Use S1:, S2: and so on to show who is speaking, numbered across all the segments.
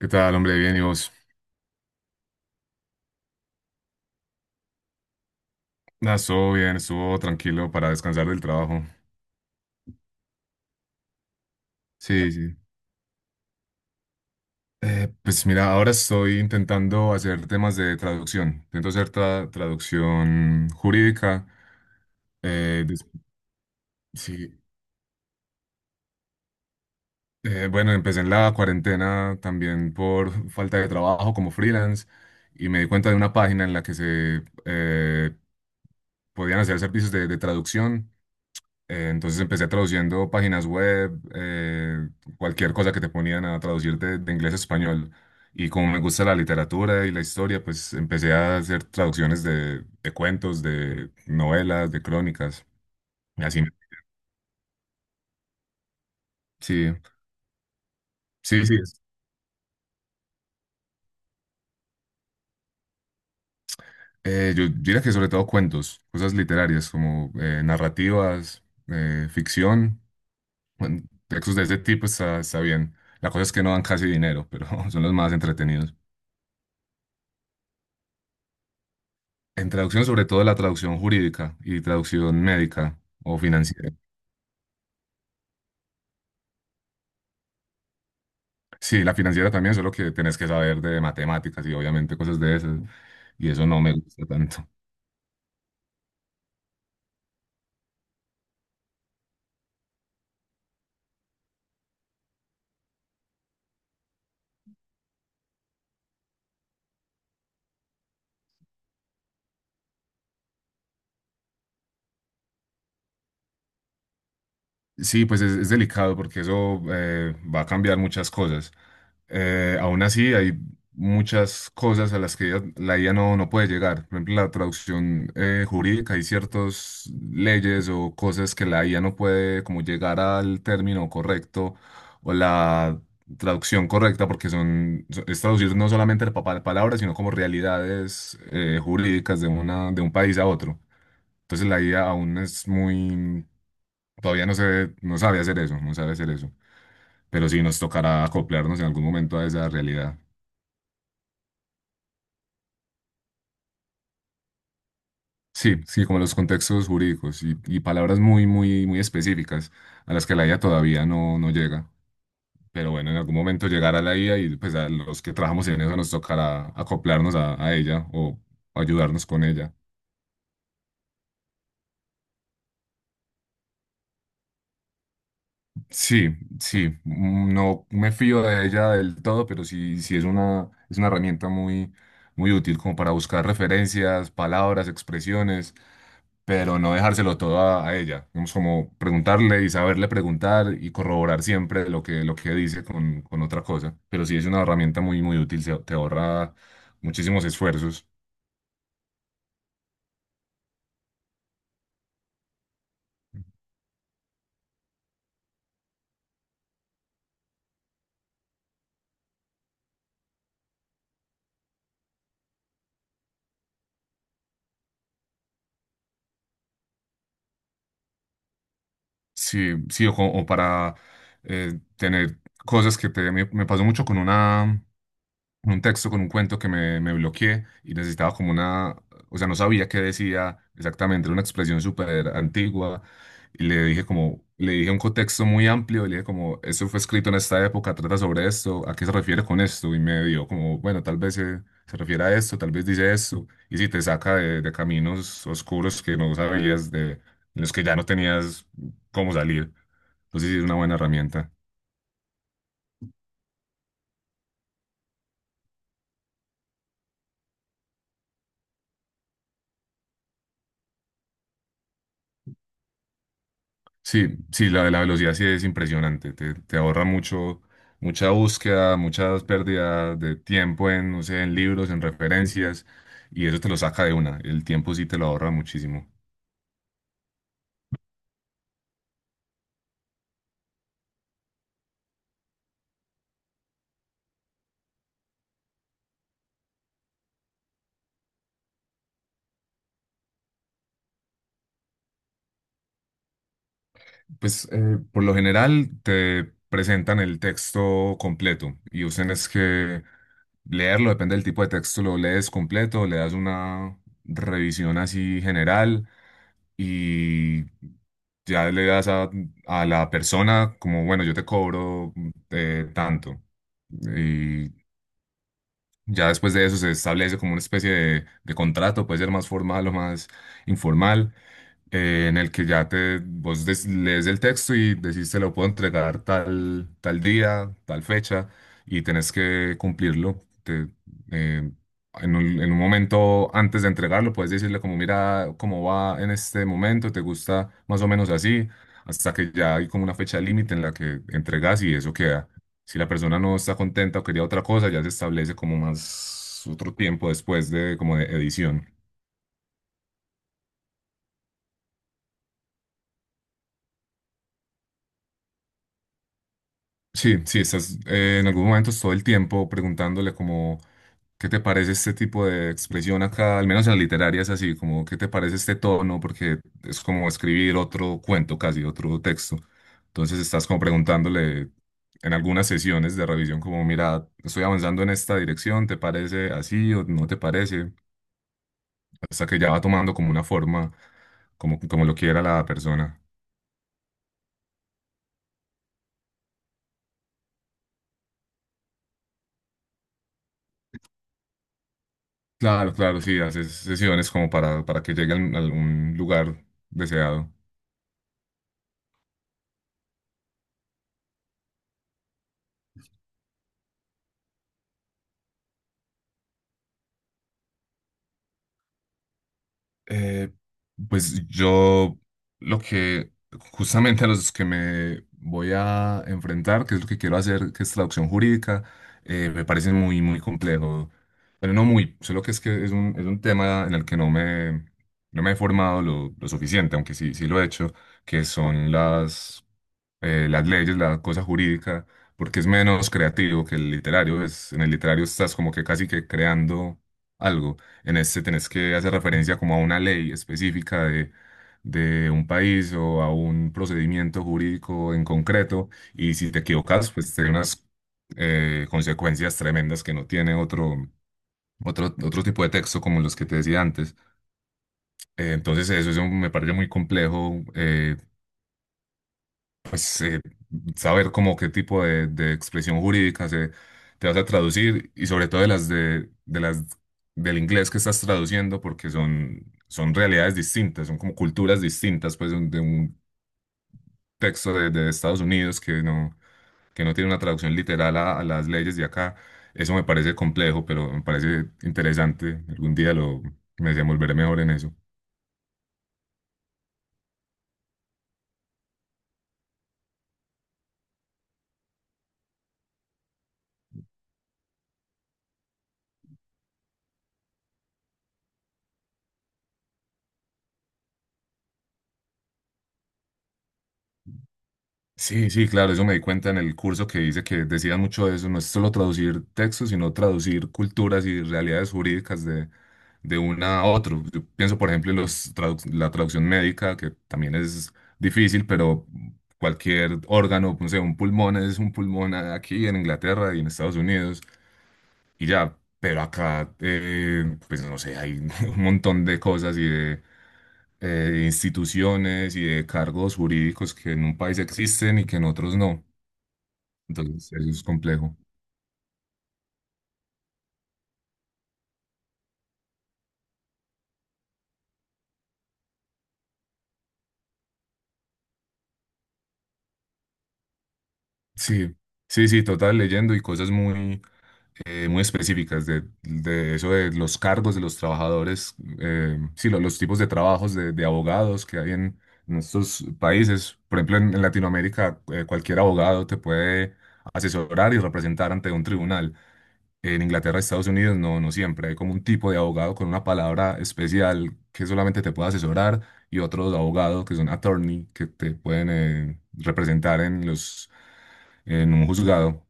S1: ¿Qué tal, hombre? Bien, ¿y vos? Nada, estuvo bien, estuvo tranquilo para descansar del trabajo. Sí, sí. Pues mira, ahora estoy intentando hacer temas de traducción. Intento hacer traducción jurídica. Eh, des- sí. Bueno, empecé en la cuarentena también por falta de trabajo como freelance y me di cuenta de una página en la que se podían hacer servicios de traducción. Entonces empecé traduciendo páginas web, cualquier cosa que te ponían a traducir de inglés a español. Y como me gusta la literatura y la historia, pues empecé a hacer traducciones de cuentos, de novelas, de crónicas. Y así, sí, sí, sí. Yo diría que sobre todo cuentos, cosas literarias como narrativas, ficción, bueno, textos de ese tipo está bien. La cosa es que no dan casi dinero, pero son los más entretenidos. En traducción, sobre todo la traducción jurídica y traducción médica o financiera. Sí, la financiera también, solo que tenés que saber de matemáticas y obviamente cosas de esas. Y eso no me gusta tanto. Sí, pues es delicado porque eso va a cambiar muchas cosas. Aún así, hay muchas cosas a las que la IA no, no puede llegar. Por ejemplo, la traducción jurídica, hay ciertas leyes o cosas que la IA no puede como llegar al término correcto o la traducción correcta porque es traducir no solamente el papel palabras, sino como realidades jurídicas de un país a otro. Entonces la IA aún es muy. Todavía no sabe hacer eso, no sabe hacer eso. Pero sí nos tocará acoplarnos en algún momento a esa realidad. Sí, sí, como los contextos jurídicos y palabras muy, muy, muy específicas a las que la IA todavía no, no llega. Pero bueno, en algún momento llegará la IA y pues a los que trabajamos en eso nos tocará acoplarnos a ella o ayudarnos con ella. Sí, sí, no me fío de ella del todo, pero sí, sí es una herramienta muy, muy útil como para buscar referencias, palabras, expresiones, pero no dejárselo todo a ella. Vamos como preguntarle y saberle preguntar y corroborar siempre lo que dice con otra cosa. Pero sí es una herramienta muy, muy útil, te ahorra muchísimos esfuerzos. Sí, sí, o para tener cosas que me pasó mucho con una. Un texto con un cuento que me bloqueé y necesitaba como una, o sea, no sabía qué decía exactamente, era una expresión súper antigua y le dije como, le dije un contexto muy amplio y le dije como, esto fue escrito en esta época, trata sobre esto, ¿a qué se refiere con esto? Y me dio como, bueno, se refiere a esto, tal vez dice esto, y si te saca de caminos oscuros que no sabías, de los que ya no tenías cómo salir. Entonces sí es una buena herramienta. Sí, sí, la de la velocidad sí es impresionante. Te ahorra mucho, mucha búsqueda, muchas pérdidas de tiempo en, no sé, en libros, en referencias, y eso te lo saca de una. El tiempo sí te lo ahorra muchísimo. Pues por lo general te presentan el texto completo y usen es que leerlo, depende del tipo de texto, lo lees completo, le das una revisión así general y ya le das a la persona como, bueno, yo te cobro tanto. Y ya después de eso se establece como una especie de contrato, puede ser más formal o más informal, en el que ya te, vos lees el texto y decís te lo puedo entregar tal, tal día, tal fecha, y tenés que cumplirlo. Eh, en en un momento antes de entregarlo, puedes decirle como, mira cómo va en este momento, te gusta más o menos así, hasta que ya hay como una fecha límite en la que entregas y eso queda. Si la persona no está contenta o quería otra cosa, ya se establece como más otro tiempo después de como de edición. Sí, sí, estás en algunos momentos todo el tiempo preguntándole como, ¿qué te parece este tipo de expresión acá? Al menos en la literaria es así, como, ¿qué te parece este tono? Porque es como escribir otro cuento casi, otro texto. Entonces estás como preguntándole en algunas sesiones de revisión como, mira, estoy avanzando en esta dirección, ¿te parece así o no te parece? Hasta que ya va tomando como una forma, como, como lo quiera la persona. Claro, claro, sí, haces sesiones como para que llegue a algún lugar deseado. Eh, pues yo lo que justamente a los que me voy a enfrentar, que es lo que quiero hacer, que es traducción jurídica, me parece muy, muy complejo. Pero no muy, solo que es es un tema en el que no me he formado lo suficiente, aunque sí, sí lo he hecho, que son las leyes, la cosa jurídica, porque es menos creativo que el literario. Es, en el literario estás como que casi que creando algo. En este tenés que hacer referencia como a una ley específica de un país o a un procedimiento jurídico en concreto y si te equivocas, pues tiene unas consecuencias tremendas que no tiene otro tipo de texto como los que te decía antes. Entonces eso, eso me parece muy complejo, pues eh, saber como qué tipo de expresión jurídica te vas a traducir y sobre todo de de las del inglés que estás traduciendo porque son realidades distintas, son como culturas distintas pues de un texto de Estados Unidos que no tiene una traducción literal a las leyes de acá. Eso me parece complejo, pero me parece interesante. Me desenvolveré mejor en eso. Sí, sí, claro, eso me di cuenta en el curso que dice que decían mucho de eso, no es solo traducir textos, sino traducir culturas y realidades jurídicas de una a otro. Yo pienso, por ejemplo, en los la traducción médica, que también es difícil, pero cualquier órgano, no sé, un pulmón es un pulmón aquí en Inglaterra y en Estados Unidos, y ya, pero acá, pues no sé, hay un montón de cosas y de instituciones y de cargos jurídicos que en un país existen y que en otros no. Entonces, eso es complejo. Sí, sí, sí, total, leyendo y cosas muy, muy específicas de eso de los cargos de los trabajadores, sí, los tipos de trabajos de abogados que hay en estos países. Por ejemplo, en Latinoamérica, cualquier abogado te puede asesorar y representar ante un tribunal. En Inglaterra, Estados Unidos, no, no siempre. Hay como un tipo de abogado con una palabra especial que solamente te puede asesorar y otros abogados que son attorney que te pueden representar en los, en un juzgado.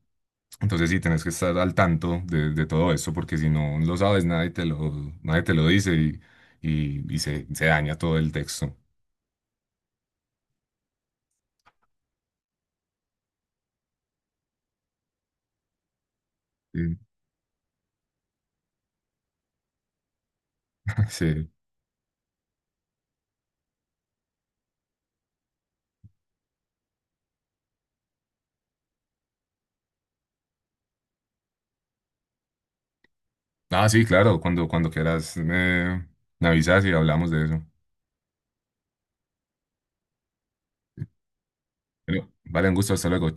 S1: Entonces sí, tenés que estar al tanto de todo eso porque si no lo sabes, nadie te lo dice y se daña todo el texto. Sí. Sí. Ah, sí, claro, cuando quieras me avisas y hablamos de eso. Bueno, vale, un gusto, hasta luego.